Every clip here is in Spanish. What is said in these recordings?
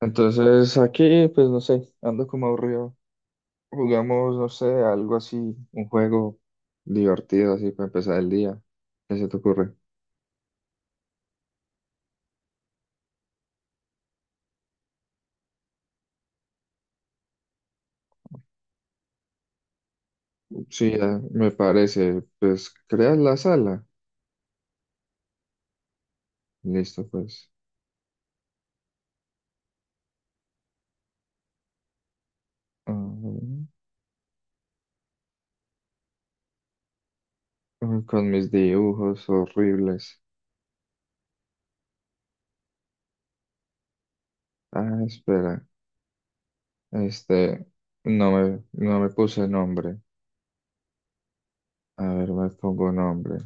Entonces aquí, pues no sé, ando como aburrido. Jugamos, no sé, algo así, un juego divertido así para empezar el día. ¿Qué se te ocurre? Sí, ya, me parece. Pues creas la sala. Listo, pues. Ah, uy, con mis dibujos horribles. Ah, espera. Este, no me puse nombre. A ver, me pongo nombre.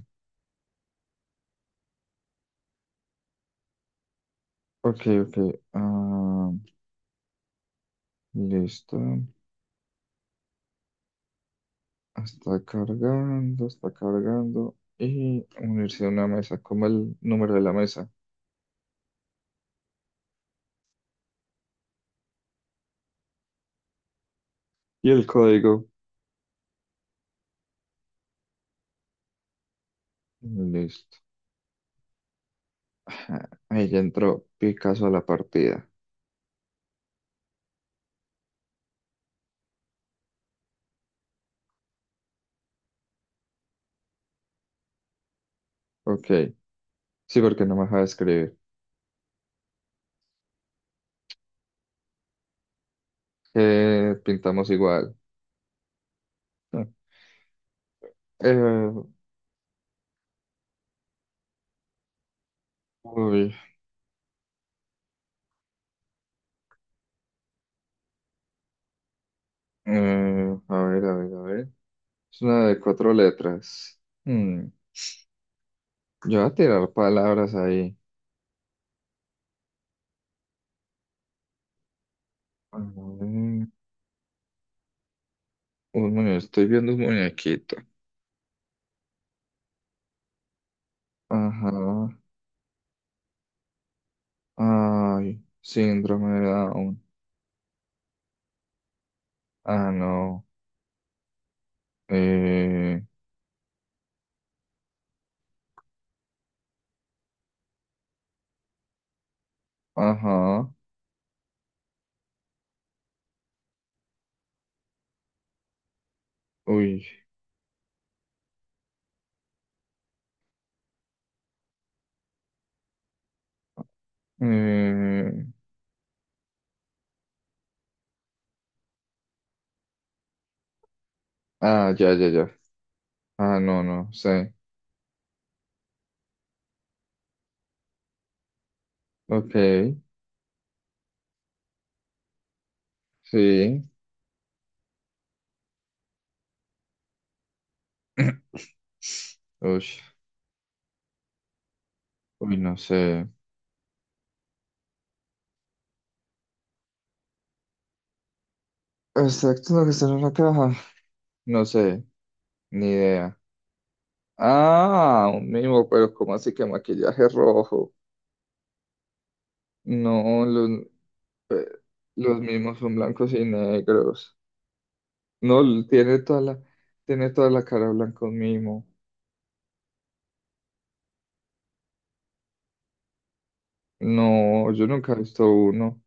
Ok, ok. Ah, listo. Está cargando, está cargando. Y unirse a una mesa. Como el número de la mesa. Y el código. Listo. Ajá, ahí ya entró Picasso a la partida. Ok. Sí, porque no me deja de escribir. Pintamos igual. Ah, eh, uy, a ver, a ver, a ver. Es una de cuatro letras. Yo voy a tirar palabras ahí. A ver, estoy viendo un muñequito. Ajá. Ay, síndrome de Down. Ah, no. Eh, ajá. Uy. Eh, ah, ya, ya, ya. Ah, no, no sé. Ok, sí. Uy, uy, no sé. Exacto lo que está en la caja. No sé, ni idea. Ah, un mimo, pero ¿cómo así que maquillaje rojo? No, eh, los mimos son blancos y negros. No, tiene toda la cara blanca un mimo. No, yo nunca he visto uno.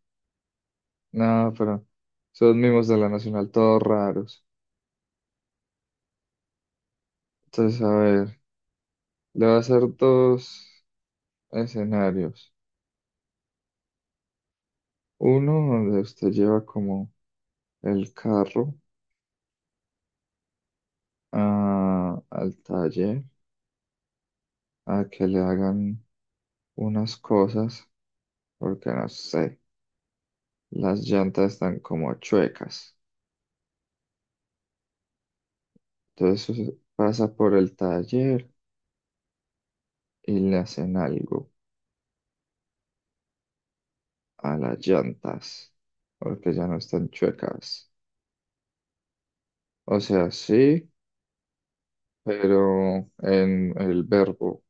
Nada, pero son mimos de la Nacional, todos raros. Entonces, a ver, le voy a hacer dos escenarios. Uno donde usted lleva como el carro al taller a que le hagan unas cosas, porque no sé, las llantas están como chuecas. Entonces pasa por el taller y le hacen algo a las llantas, porque ya no están chuecas. O sea, sí, pero en el verbo.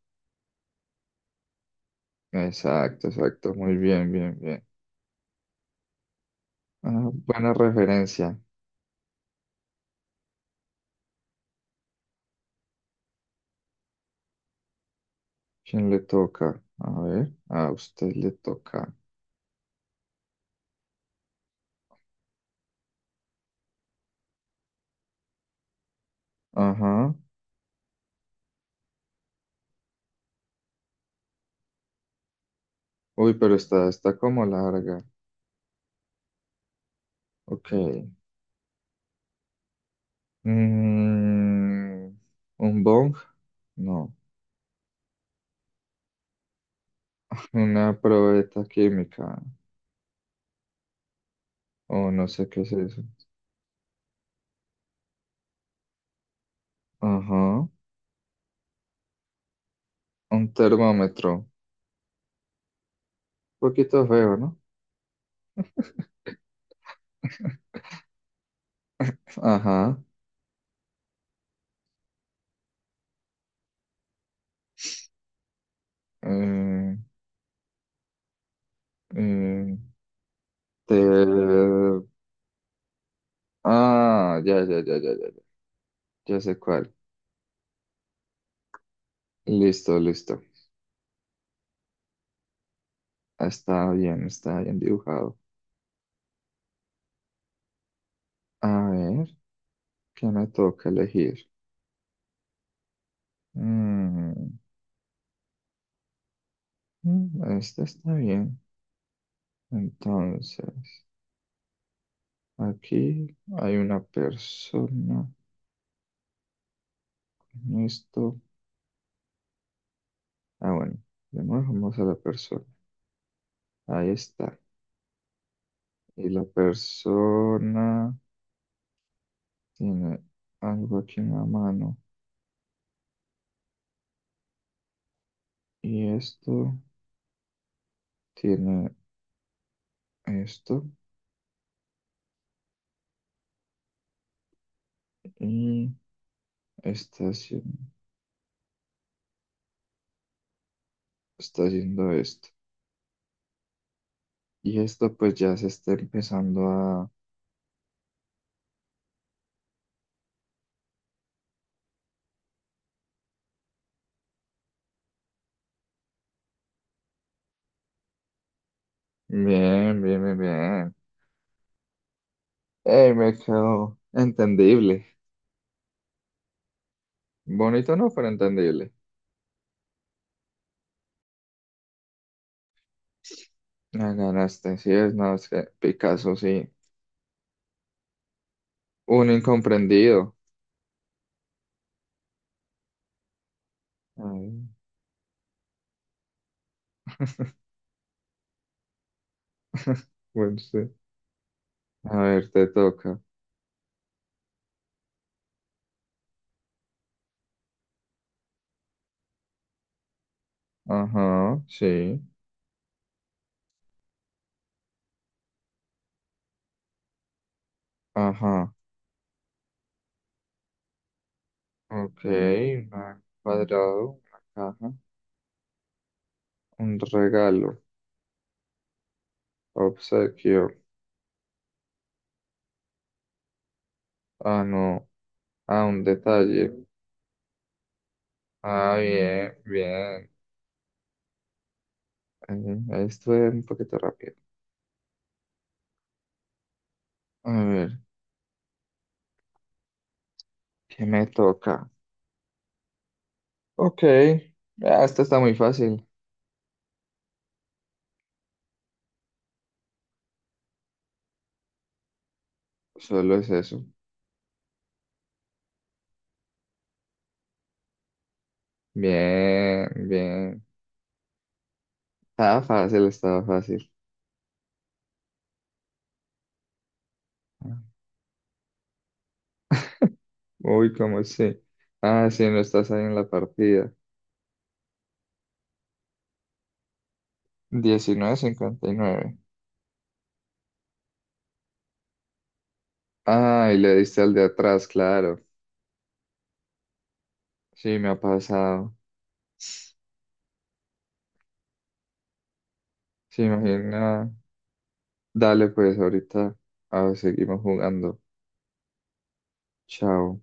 Exacto, exacto. Muy bien, bien, bien. Ah, buena referencia. ¿Quién le toca? A ver, a usted le toca. Ajá. Uy, pero está, está como larga. Ok. Mm, ¿Un bong? No. Una probeta química. O no sé qué es eso. Ajá. Un termómetro. Poquito feo, ¿no? Ajá. Eh, eh, te- Ah, ya, ya, ya, ya, ya, ya. Ya sé cuál. Listo, listo. Está bien dibujado. A ver, ¿qué me toca elegir? Mm, este está bien. Entonces, aquí hay una persona. En esto. Ah, bueno. Le vamos a la persona. Ahí está. Y la persona tiene algo aquí en la mano y esto tiene esto y está haciendo, está haciendo esto. Y esto pues ya se está empezando a... Bien, bien, bien, bien. ¡Ey, me quedó entendible! Bonito no, pero entendible. La ganaste, sí es, no, es que Picasso sí. Un incomprendido. Ay, bueno, sí. A ver, te toca. Ajá, sí. Ajá. Ok, un cuadrado, una caja, un regalo, obsequio. Ah, no. Ah, un detalle. Ah, bien, bien. Ahí estuve un poquito rápido. A ver, ¿qué me toca? Ok. Ah, esta está muy fácil. Solo es eso. Bien, bien. Estaba fácil, estaba fácil. Uy, ¿cómo sí? Ah, sí, no estás ahí en la partida. 1959. Ah, y le diste al de atrás, claro. Sí, me ha pasado. Sí, imagina. Dale, pues ahorita seguimos jugando. Chao.